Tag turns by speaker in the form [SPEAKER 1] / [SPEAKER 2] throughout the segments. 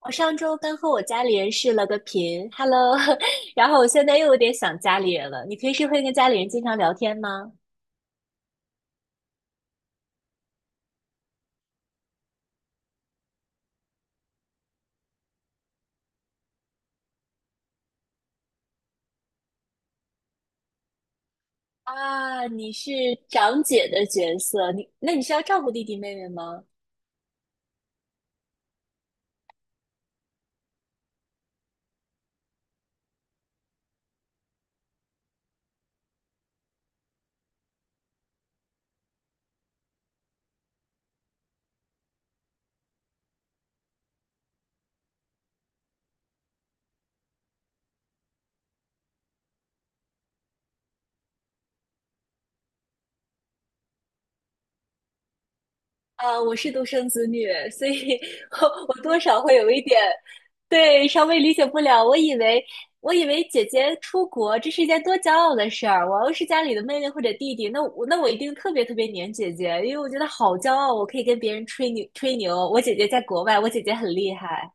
[SPEAKER 1] 我上周刚和我家里人视了个频，Hello，然后我现在又有点想家里人了。你平时会跟家里人经常聊天吗？啊，你是长姐的角色，那你是要照顾弟弟妹妹吗？啊，我是独生子女，所以 我多少会有一点，对，稍微理解不了。我以为姐姐出国这是一件多骄傲的事儿，我要是家里的妹妹或者弟弟，那我一定特别特别黏姐姐，因为我觉得好骄傲，我可以跟别人吹牛吹牛，我姐姐在国外，我姐姐很厉害。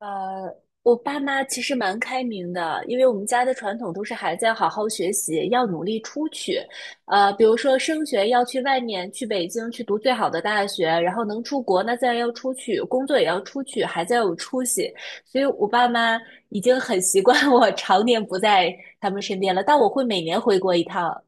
[SPEAKER 1] 呃，我爸妈其实蛮开明的，因为我们家的传统都是孩子要好好学习，要努力出去。比如说升学要去外面，去北京去读最好的大学，然后能出国，那自然要出去，工作也要出去，孩子要有出息。所以我爸妈已经很习惯 我常年不在他们身边了，但我会每年回国一趟。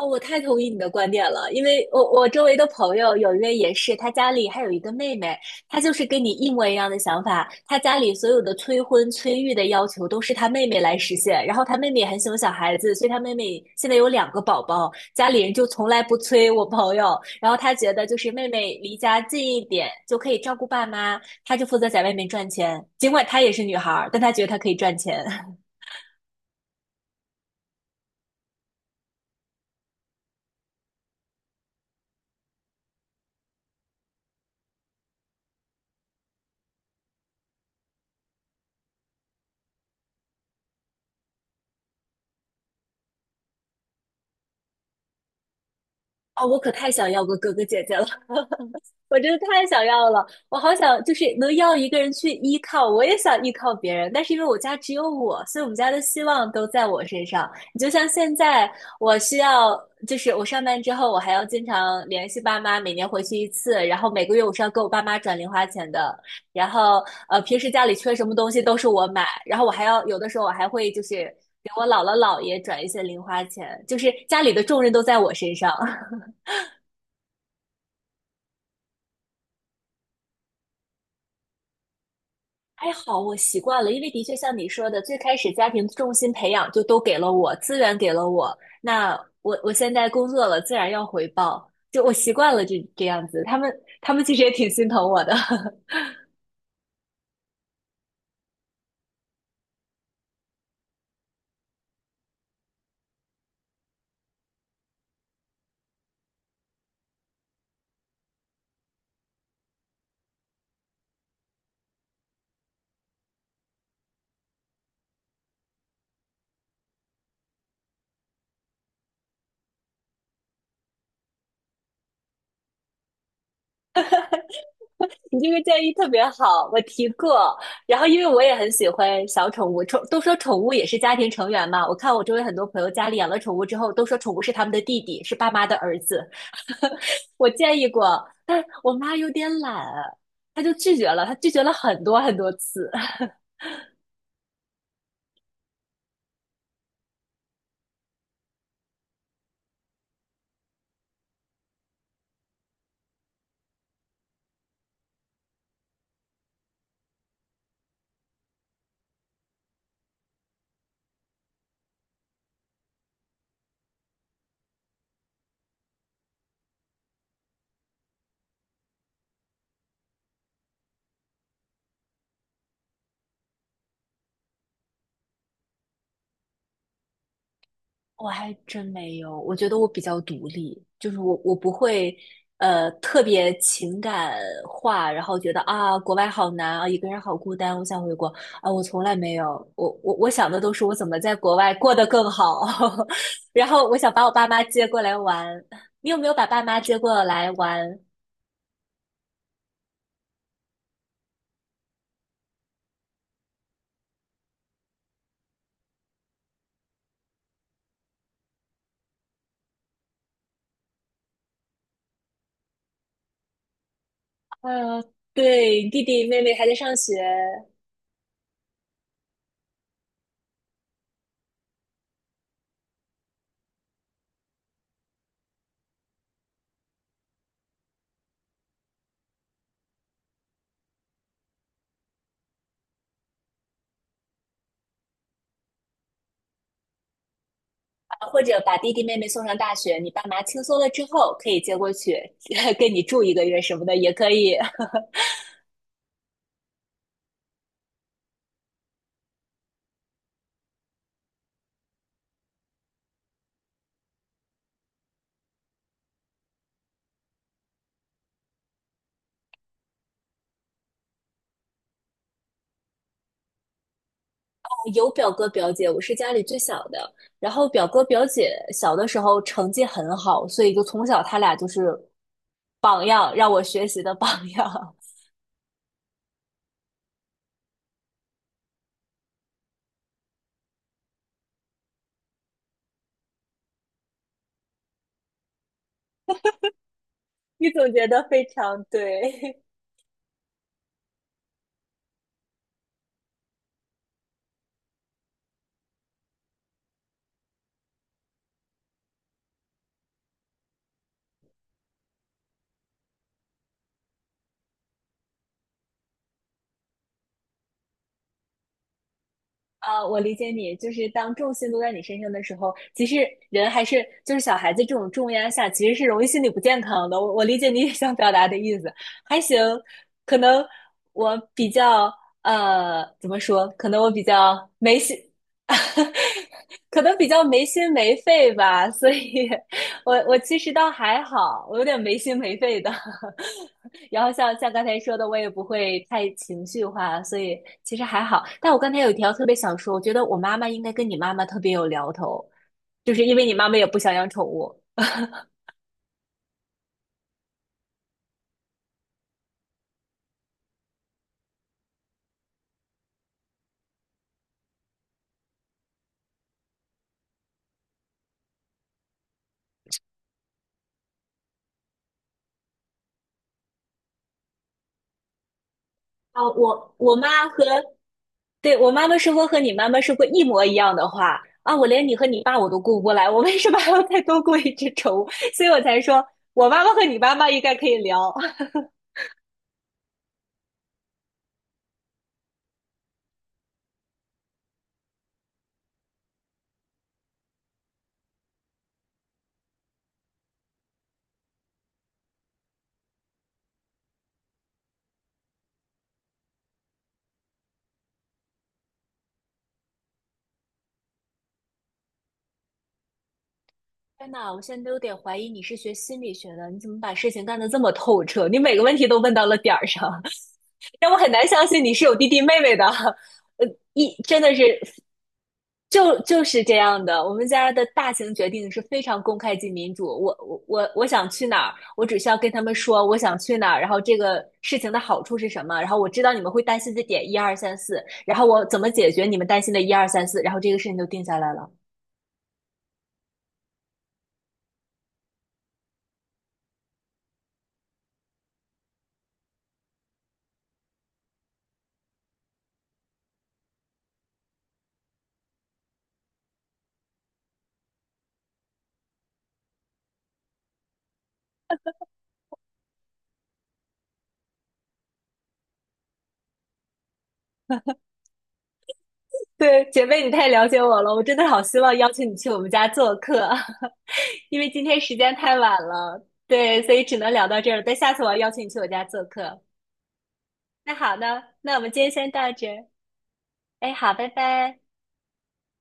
[SPEAKER 1] 哦，我太同意你的观点了，因为我周围的朋友有一位也是，他家里还有一个妹妹，她就是跟你一模一样的想法，她家里所有的催婚催育的要求都是她妹妹来实现，然后她妹妹也很喜欢小孩子，所以她妹妹现在有两个宝宝，家里人就从来不催我朋友，然后她觉得就是妹妹离家近一点就可以照顾爸妈，她就负责在外面赚钱，尽管她也是女孩儿，但她觉得她可以赚钱。哦，我可太想要个哥哥姐姐了。我真的太想要了，我好想就是能要一个人去依靠，我也想依靠别人，但是因为我家只有我，所以我们家的希望都在我身上。你就像现在，我需要就是我上班之后，我还要经常联系爸妈，每年回去一次，然后每个月我是要给我爸妈转零花钱的，然后平时家里缺什么东西都是我买，然后我还要有的时候我还会就是给我姥姥姥爷转一些零花钱，就是家里的重任都在我身上。还好我习惯了，因为的确像你说的，最开始家庭重心培养就都给了我，资源给了我，那我现在工作了，自然要回报，就我习惯了这样子，他们其实也挺心疼我的。你这个建议特别好，我提过。然后因为我也很喜欢小宠物，都说宠物也是家庭成员嘛。我看我周围很多朋友家里养了宠物之后，都说宠物是他们的弟弟，是爸妈的儿子。我建议过，但我妈有点懒，她就拒绝了，她拒绝了很多很多次。我还真没有，我觉得我比较独立，就是我不会，特别情感化，然后觉得啊，国外好难啊，一个人好孤单，我想回国啊，我从来没有，我想的都是我怎么在国外过得更好，然后我想把我爸妈接过来玩，你有没有把爸妈接过来玩？呃，对，弟弟妹妹还在上学，啊或者把弟弟妹妹送上大学，你爸妈轻松了之后可以接过去，跟你住一个月什么的也可以。有表哥表姐，我是家里最小的。然后表哥表姐小的时候成绩很好，所以就从小他俩就是榜样，让我学习的榜样。你总结的非常对。 啊，我理解你，就是当重心都在你身上的时候，其实人还是就是小孩子这种重压下，其实是容易心理不健康的。我理解你也想表达的意思，还行，可能我比较怎么说，可能我比较没心。可能比较没心没肺吧，所以我其实倒还好，我有点没心没肺的。然后像刚才说的，我也不会太情绪化，所以其实还好。但我刚才有一条特别想说，我觉得我妈妈应该跟你妈妈特别有聊头，就是因为你妈妈也不想养宠物。啊，我我妈和对我妈妈说过和你妈妈说过一模一样的话啊！我连你和你爸我都顾不过来，我为什么还要再多顾一只宠物？所以我才说我妈妈和你妈妈应该可以聊。天呐，我现在都有点怀疑你是学心理学的，你怎么把事情干的这么透彻？你每个问题都问到了点儿上，让我很难相信你是有弟弟妹妹的。呃，一真的是就是这样的，我们家的大型决定是非常公开及民主。我想去哪儿，我只需要跟他们说我想去哪儿，然后这个事情的好处是什么，然后我知道你们会担心的点一二三四，然后我怎么解决你们担心的一二三四，然后这个事情就定下来了。对，姐妹，你太了解我了，我真的好希望邀请你去我们家做客，因为今天时间太晚了，对，所以只能聊到这儿了。但下次我要邀请你去我家做客。那好呢，那我们今天先到这儿。哎，好，拜拜。